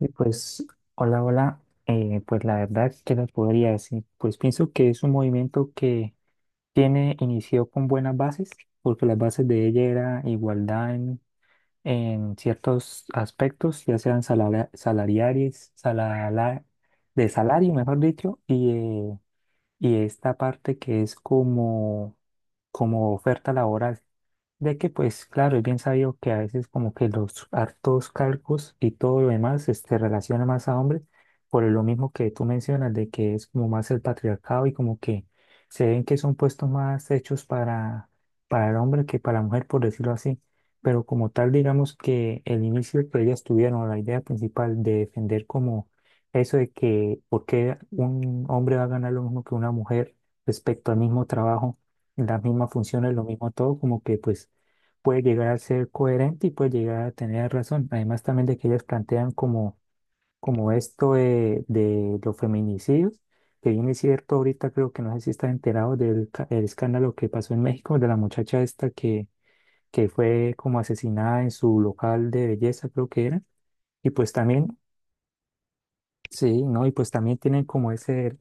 Y pues, hola, hola. Pues la verdad, ¿qué les podría decir? Pues pienso que es un movimiento que tiene, inició con buenas bases, porque las bases de ella era igualdad en ciertos aspectos, ya sean salariales, de salario, mejor dicho, y esta parte que es como, como oferta laboral. Ya que pues claro, es bien sabido que a veces como que los hartos calcos y todo lo demás este, relaciona más a hombres por lo mismo que tú mencionas de que es como más el patriarcado y como que se ven que son puestos más hechos para el hombre que para la mujer, por decirlo así. Pero como tal, digamos que el inicio que ellas tuvieron, la idea principal de defender como eso de que por qué un hombre va a ganar lo mismo que una mujer respecto al mismo trabajo, las mismas funciones, lo mismo todo, como que pues puede llegar a ser coherente y puede llegar a tener razón. Además también de que ellas plantean como, como esto de los feminicidios, que bien es cierto, ahorita creo que no sé si estás enterado del el escándalo que pasó en México, de la muchacha esta que fue como asesinada en su local de belleza, creo que era. Y pues también, sí, ¿no? Y pues también tienen como ese,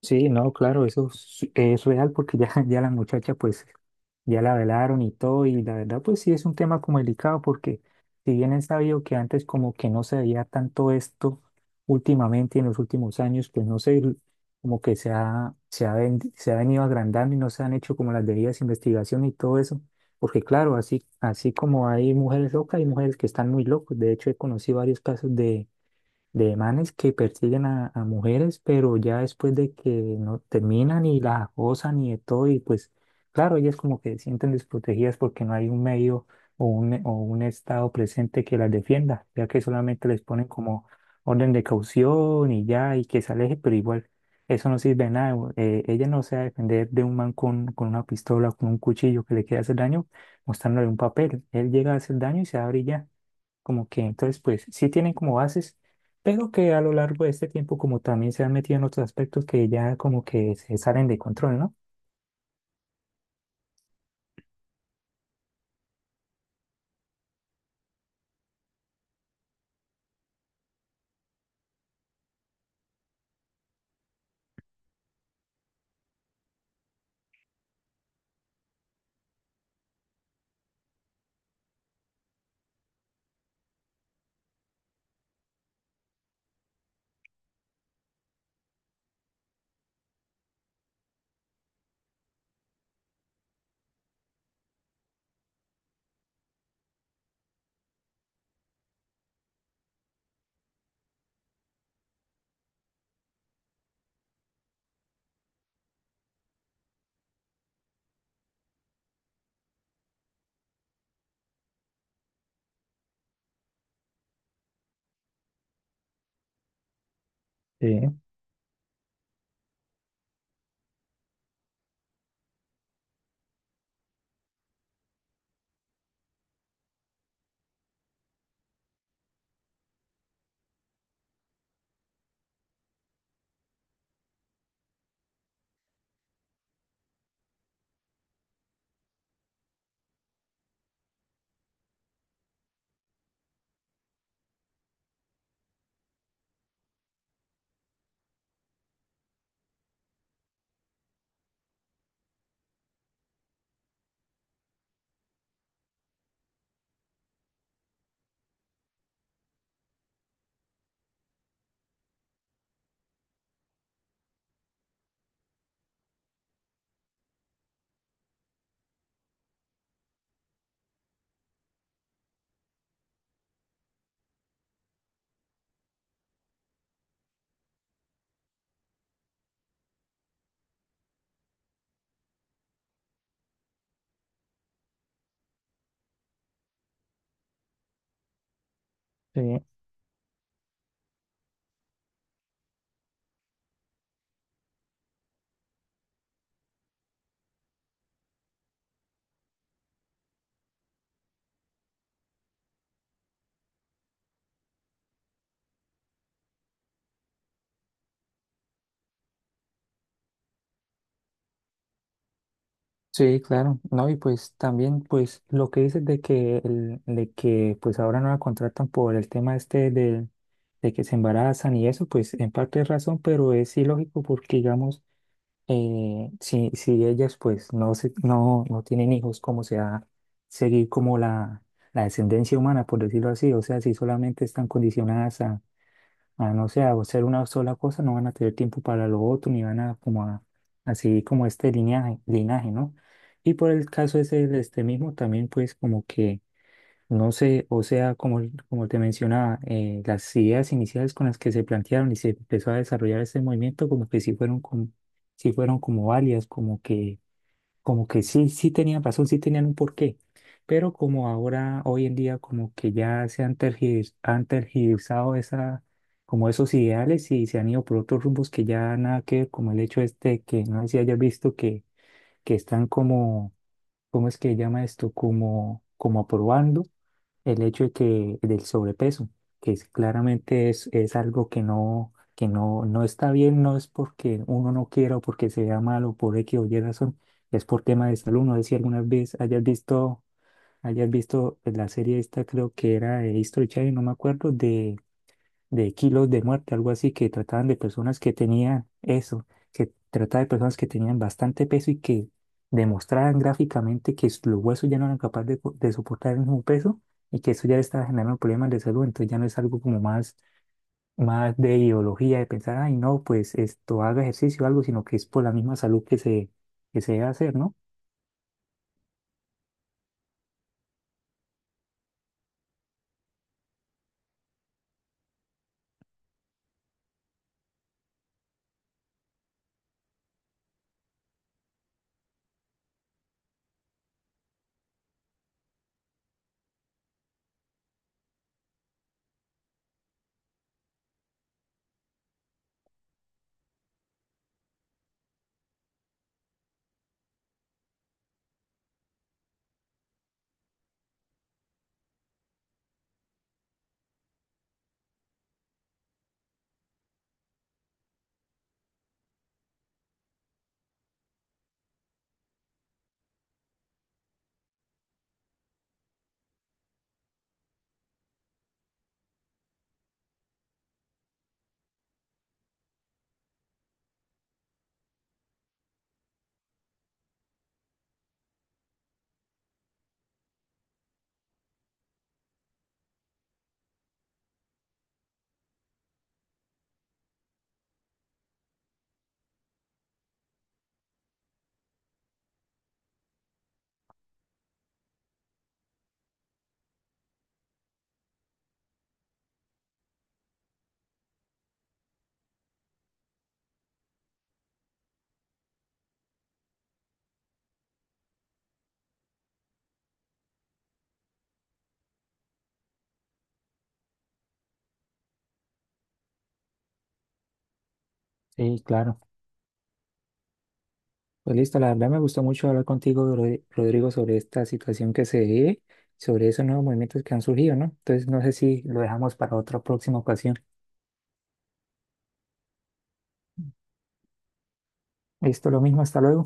sí, no, claro, eso es real porque ya, ya la muchacha pues ya la velaron y todo y la verdad pues sí es un tema como delicado porque si bien es sabido que antes como que no se veía tanto esto últimamente en los últimos años pues no sé, como que se ha venido agrandando y no se han hecho como las debidas investigaciones y todo eso porque claro, así, así como hay mujeres locas, hay mujeres que están muy locas, de hecho he conocido varios casos de manes que persiguen a mujeres, pero ya después de que no terminan y las acosan y de todo, y pues claro, ellas como que se sienten desprotegidas porque no hay un medio o un estado presente que las defienda, ya que solamente les ponen como orden de caución y ya, y que se aleje, pero igual eso no sirve de nada. Ella no se va a defender de un man con una pistola o con un cuchillo que le quiera hacer daño, mostrándole un papel. Él llega a hacer daño y se abre y ya. Como que entonces, pues sí tienen como bases, pero que a lo largo de este tiempo como también se han metido en otros aspectos que ya como que se salen de control, ¿no? Sí, sí. Sí, claro, ¿no? Y pues también pues lo que dices de que, de que pues ahora no la contratan por el tema este de que se embarazan y eso, pues en parte es razón, pero es ilógico porque digamos si ellas pues no tienen hijos, ¿cómo se va a seguir como la descendencia humana, por decirlo así? O sea, si solamente están condicionadas no sé, a hacer una sola cosa, no van a tener tiempo para lo otro, ni van a a seguir como este linaje, linaje, ¿no? Y por el caso ese del este mismo, también pues como que no sé, o sea, como, como te mencionaba, las ideas iniciales con las que se plantearon y se empezó a desarrollar este movimiento, como que sí fueron como válidas, como que sí, sí tenían razón, sí tenían un porqué. Pero como ahora, hoy en día, como que ya se han han tergiversado esa, como esos ideales y se han ido por otros rumbos que ya nada que ver, como el hecho este que no sé si hayas visto que están como ¿cómo es que llama esto? Como, como aprobando el hecho de que del sobrepeso, claramente es algo que no, no está bien, no es porque uno no quiera o porque se vea mal o por X o Y razón, es por tema de salud. No sé si alguna vez hayas visto la serie esta, creo que era de History Channel, no me acuerdo, de kilos de muerte, algo así, que trataban de personas que tenían eso, que trataba de personas que tenían bastante peso y que demostraban gráficamente los huesos ya no eran capaces de soportar el mismo peso y que eso ya le estaba generando problemas de salud, entonces ya no es algo como más, más de ideología, de pensar, ay, no, pues esto haga ejercicio o algo, sino que es por la misma salud que se debe hacer, ¿no? Sí, claro. Pues listo, la verdad me gustó mucho hablar contigo, Rodrigo, sobre esta situación que se ve sobre esos nuevos movimientos que han surgido, ¿no? Entonces, no sé si lo dejamos para otra próxima ocasión. Listo, lo mismo, hasta luego.